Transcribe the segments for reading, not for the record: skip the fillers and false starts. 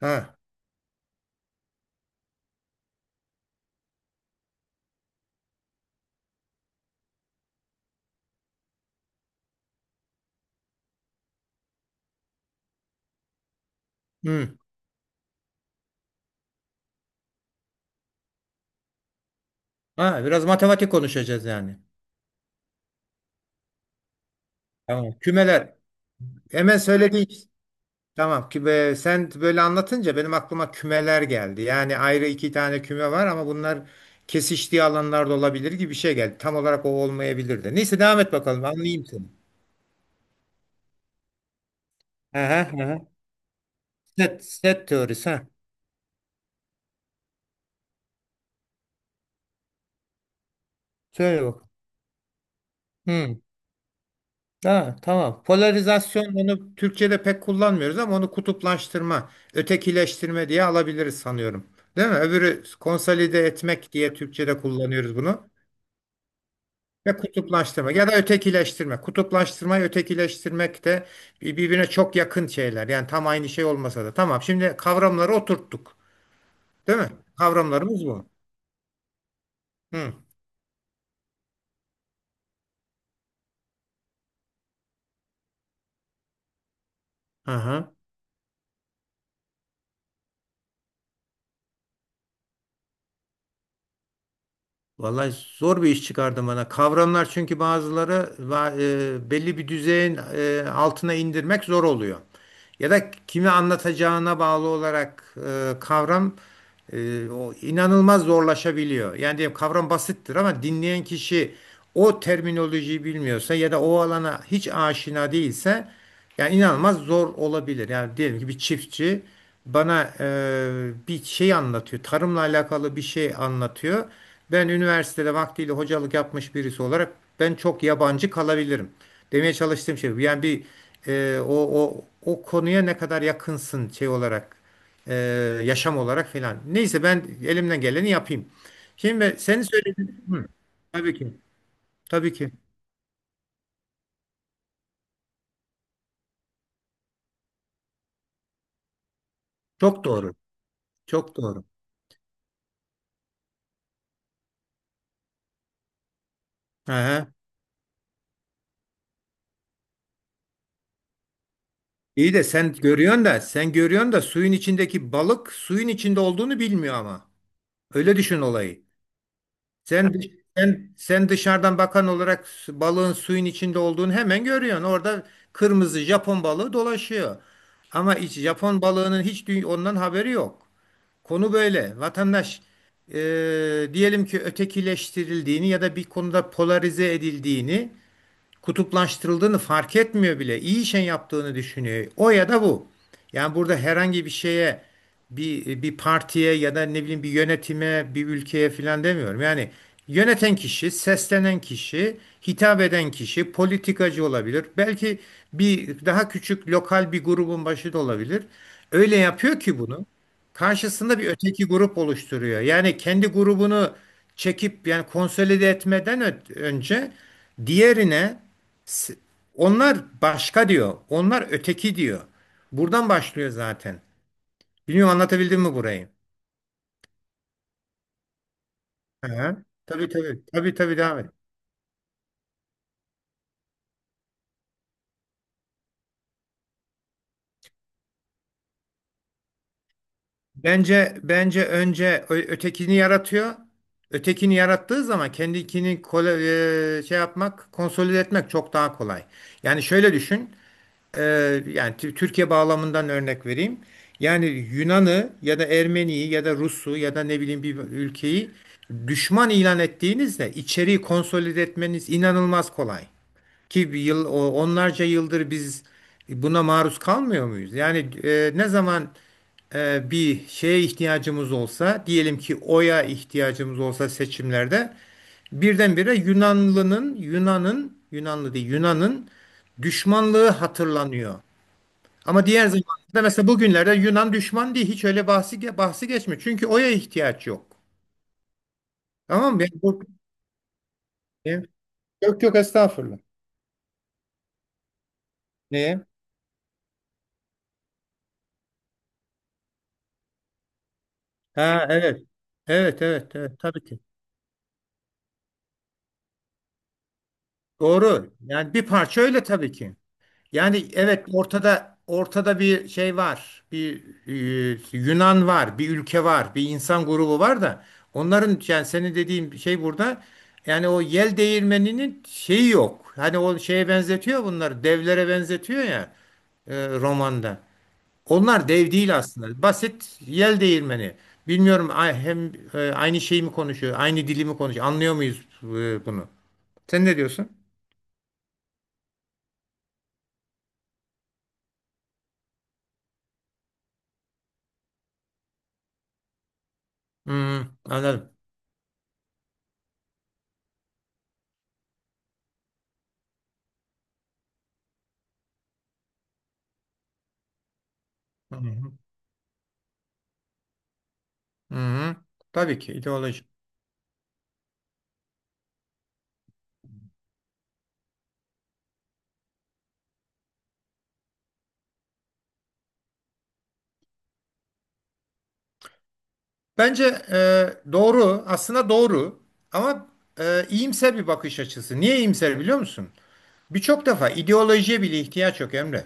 Ha, hı. Ha, biraz matematik konuşacağız yani. Tamam. Kümeler. Hemen söylediğin tamam ki sen böyle anlatınca benim aklıma kümeler geldi. Yani ayrı iki tane küme var ama bunlar kesiştiği alanlarda olabilir gibi bir şey geldi. Tam olarak o olmayabilir de. Neyse devam et bakalım anlayayım seni. Aha, aha. Set teorisi ha. Söyle bakalım. Hı. Ha, tamam. Polarizasyon onu Türkçe'de pek kullanmıyoruz ama onu kutuplaştırma, ötekileştirme diye alabiliriz sanıyorum. Değil mi? Öbürü konsolide etmek diye Türkçe'de kullanıyoruz bunu. Ve kutuplaştırma ya da ötekileştirme. Kutuplaştırmayı ötekileştirmek de birbirine çok yakın şeyler. Yani tam aynı şey olmasa da. Tamam. Şimdi kavramları oturttuk. Değil mi? Kavramlarımız bu. Hı. Aha. Vallahi zor bir iş çıkardı bana. Kavramlar çünkü belli bir düzeyin altına indirmek zor oluyor. Ya da kime anlatacağına bağlı olarak kavram o inanılmaz zorlaşabiliyor. Yani diyelim kavram basittir ama dinleyen kişi o terminolojiyi bilmiyorsa ya da o alana hiç aşina değilse yani inanılmaz zor olabilir. Yani diyelim ki bir çiftçi bana bir şey anlatıyor. Tarımla alakalı bir şey anlatıyor. Ben üniversitede vaktiyle hocalık yapmış birisi olarak ben çok yabancı kalabilirim. Demeye çalıştığım şey bu. Yani bir o konuya ne kadar yakınsın şey olarak, e, yaşam olarak falan. Neyse ben elimden geleni yapayım. Şimdi senin söylediğin, hı, tabii ki. Tabii ki. Çok doğru. Çok doğru. Hı hı. İyi de sen görüyorsun da sen görüyorsun da suyun içindeki balık suyun içinde olduğunu bilmiyor ama. Öyle düşün olayı. Sen sen dışarıdan bakan olarak balığın suyun içinde olduğunu hemen görüyorsun. Orada kırmızı Japon balığı dolaşıyor. Ama hiç Japon balığının hiç ondan haberi yok. Konu böyle. Vatandaş, diyelim ki ötekileştirildiğini ya da bir konuda polarize edildiğini, kutuplaştırıldığını fark etmiyor bile. İyi şey yaptığını düşünüyor. O ya da bu. Yani burada herhangi bir şeye, bir partiye ya da ne bileyim bir yönetime, bir ülkeye filan demiyorum. Yani yöneten kişi, seslenen kişi, hitap eden kişi politikacı olabilir. Belki bir daha küçük lokal bir grubun başı da olabilir. Öyle yapıyor ki bunu. Karşısında bir öteki grup oluşturuyor. Yani kendi grubunu çekip yani konsolide etmeden önce diğerine S- onlar başka diyor. Onlar öteki diyor. Buradan başlıyor zaten. Bilmiyorum anlatabildim mi burayı? Hı hı. Tabii tabii. Tabii tabii devam et. Bence önce ötekini yaratıyor. Ötekini yarattığı zaman kendikini kole, şey yapmak, konsolide etmek çok daha kolay. Yani şöyle düşün. e, Yani Türkiye bağlamından örnek vereyim. Yani Yunan'ı ya da Ermeni'yi ya da Rus'u ya da ne bileyim bir ülkeyi düşman ilan ettiğinizde içeriği konsolide etmeniz inanılmaz kolay. Ki bir yıl onlarca yıldır biz buna maruz kalmıyor muyuz? Yani ne zaman bir şeye ihtiyacımız olsa, diyelim ki oya ihtiyacımız olsa seçimlerde birdenbire Yunanlı'nın, Yunan'ın, Yunanlı değil, Yunan'ın düşmanlığı hatırlanıyor. Ama diğer zamanlarda mesela bugünlerde Yunan düşman diye hiç öyle bahsi geçmiyor. Çünkü oya ihtiyaç yok. Tamam mı? Yok yok estağfurullah. Neye? Ha evet. Evet tabii ki. Doğru. Yani bir parça öyle tabii ki. Yani evet ortada bir şey var. Bir, Yunan var, bir ülke var, bir insan grubu var da onların yani senin dediğin şey burada, yani o yel değirmeninin şeyi yok. Hani o şeye benzetiyor bunları, devlere benzetiyor ya, romanda. Onlar dev değil aslında. Basit yel değirmeni. Bilmiyorum hem aynı şeyi mi konuşuyor, aynı dili mi konuşuyor? Anlıyor muyuz bunu? Sen ne diyorsun? Hmm, anladım. Hı hı. Hı hı. Tabii ki ideoloji. Bence doğru, aslında doğru, ama iyimser bir bakış açısı. Niye iyimser biliyor musun? Birçok defa ideolojiye bile ihtiyaç yok Emre.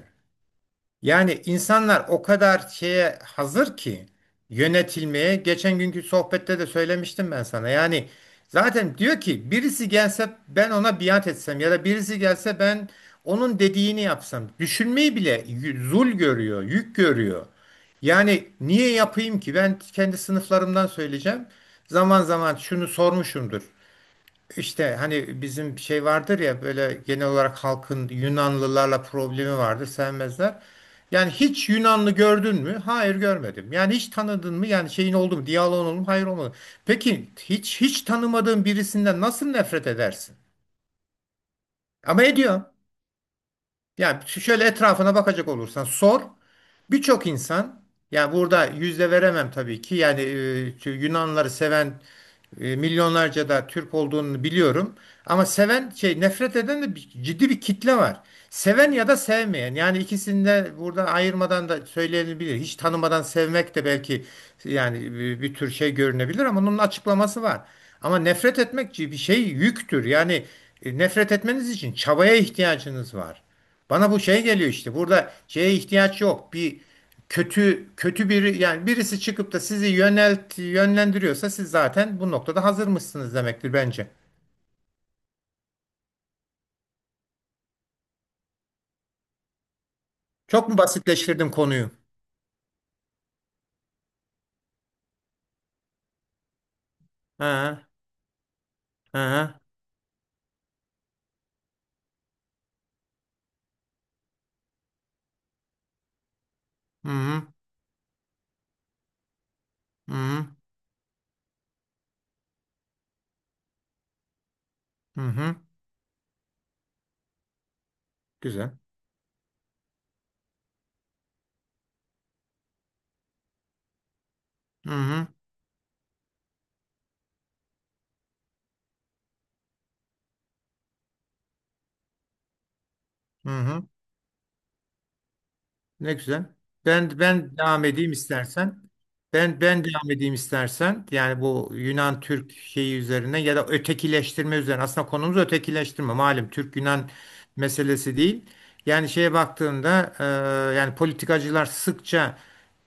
Yani insanlar o kadar şeye hazır ki yönetilmeye. Geçen günkü sohbette de söylemiştim ben sana. Yani zaten diyor ki birisi gelse ben ona biat etsem ya da birisi gelse ben onun dediğini yapsam. Düşünmeyi bile zul görüyor, yük görüyor. Yani niye yapayım ki? Ben kendi sınıflarımdan söyleyeceğim. Zaman zaman şunu sormuşumdur. İşte hani bizim şey vardır ya böyle genel olarak halkın Yunanlılarla problemi vardır sevmezler. Yani hiç Yunanlı gördün mü? Hayır görmedim. Yani hiç tanıdın mı? Yani şeyin oldu mu? Diyaloğun oldu mu? Hayır olmadı. Peki hiç tanımadığın birisinden nasıl nefret edersin? Ama ediyor. Ya şöyle etrafına bakacak olursan sor. Birçok insan, yani burada yüzde veremem tabii ki. Yani şu Yunanları seven milyonlarca da Türk olduğunu biliyorum. Ama seven şey nefret eden de ciddi bir kitle var. Seven ya da sevmeyen. Yani ikisini de burada ayırmadan da söylenebilir. Hiç tanımadan sevmek de belki yani bir tür şey görünebilir ama onun açıklaması var. Ama nefret etmek bir şey yüktür. Yani nefret etmeniz için çabaya ihtiyacınız var. Bana bu şey geliyor işte. Burada şeye ihtiyaç yok. Bir kötü biri yani birisi çıkıp da sizi yönlendiriyorsa siz zaten bu noktada hazır mısınız demektir bence. Çok mu basitleştirdim konuyu? Ha, ha, hı hı, hı hı, hı hı, güzel. Hı hı, hı hı. Ne güzel. Ben devam edeyim istersen. Ben devam edeyim istersen. Yani bu Yunan Türk şeyi üzerine ya da ötekileştirme üzerine. Aslında konumuz ötekileştirme. Malum Türk Yunan meselesi değil. Yani şeye baktığında, yani politikacılar sıkça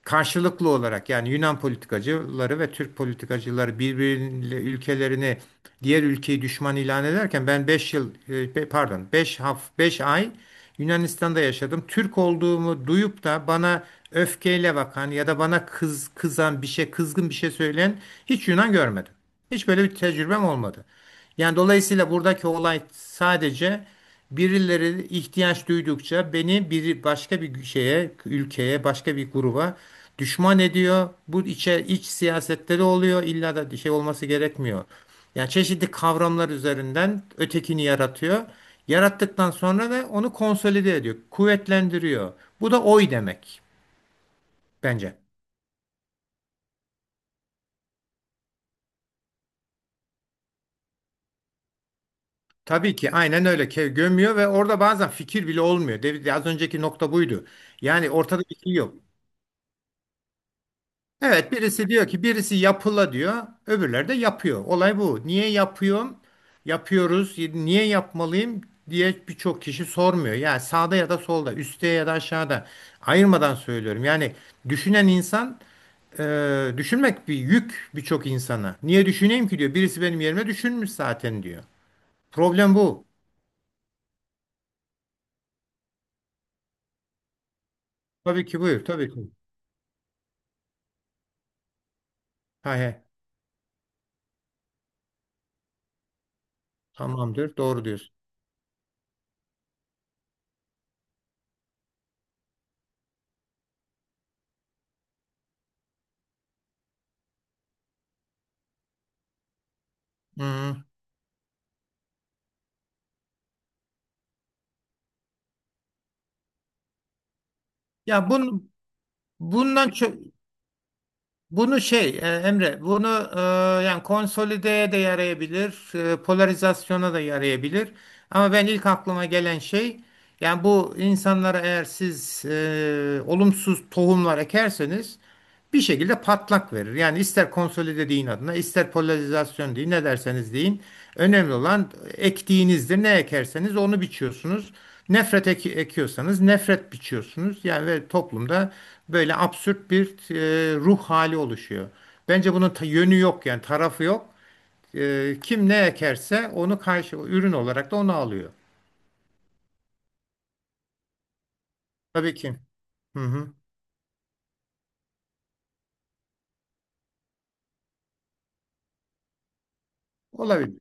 karşılıklı olarak, yani Yunan politikacıları ve Türk politikacıları birbiriyle ülkelerini, diğer ülkeyi düşman ilan ederken ben 5 yıl pardon 5 ay Yunanistan'da yaşadım. Türk olduğumu duyup da bana öfkeyle bakan ya da bana kızan bir şey, kızgın bir şey söyleyen hiç Yunan görmedim. Hiç böyle bir tecrübem olmadı. Yani dolayısıyla buradaki olay sadece birileri ihtiyaç duydukça beni bir başka bir şeye, ülkeye, başka bir gruba düşman ediyor. Bu iç siyasetleri oluyor. İlla da şey olması gerekmiyor. Yani çeşitli kavramlar üzerinden ötekini yaratıyor. Yarattıktan sonra da onu konsolide ediyor, kuvvetlendiriyor. Bu da oy demek bence. Tabii ki aynen öyle. Gömüyor ve orada bazen fikir bile olmuyor. Az önceki nokta buydu. Yani ortada bir şey yok. Evet birisi diyor ki, birisi yapıla diyor, öbürleri de yapıyor. Olay bu. Niye yapıyorum? Yapıyoruz. Niye yapmalıyım diye birçok kişi sormuyor. Yani sağda ya da solda, üstte ya da aşağıda ayırmadan söylüyorum. Yani düşünen insan, düşünmek bir yük birçok insana. Niye düşüneyim ki diyor. Birisi benim yerime düşünmüş zaten diyor. Problem bu. Tabii ki buyur. Tabii ki. Hay hay. Tamamdır. Doğru diyorsun. Hı. Hı. Ya bun Bundan çok, bunu şey, Emre, bunu, yani konsolideye de yarayabilir, polarizasyona da yarayabilir. Ama ben ilk aklıma gelen şey, yani bu insanlara eğer siz olumsuz tohumlar ekerseniz bir şekilde patlak verir. Yani ister konsolide deyin adına, ister polarizasyon deyin, ne derseniz deyin. Önemli olan ektiğinizdir. Ne ekerseniz onu biçiyorsunuz. Nefret ekiyorsanız nefret biçiyorsunuz. Yani ve toplumda böyle absürt bir ruh hali oluşuyor. Bence bunun yönü yok yani tarafı yok. E, kim ne ekerse onu karşı ürün olarak da onu alıyor. Tabii ki. Hı hı. Olabilir.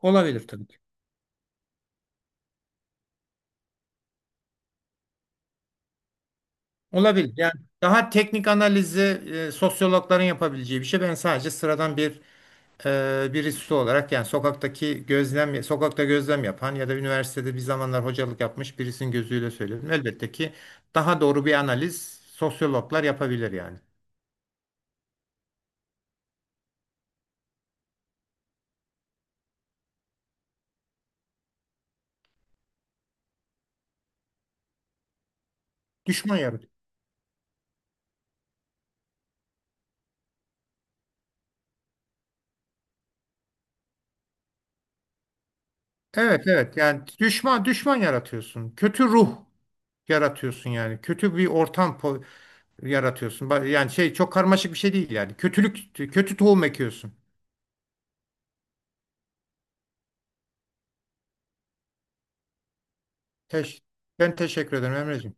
Olabilir tabii ki. Olabilir. Yani daha teknik analizi sosyologların yapabileceği bir şey. Ben sadece sıradan bir birisi olarak, yani sokaktaki gözlem, sokakta gözlem yapan ya da üniversitede bir zamanlar hocalık yapmış birisinin gözüyle söylüyorum. Elbette ki daha doğru bir analiz sosyologlar yapabilir yani. Düşman yarat. Evet evet, yani düşman, yaratıyorsun. Kötü ruh yaratıyorsun yani. Kötü bir ortam yaratıyorsun. Yani şey çok karmaşık bir şey değil yani. Kötülük, kötü tohum ekiyorsun. Teş Ben teşekkür ederim Emreciğim.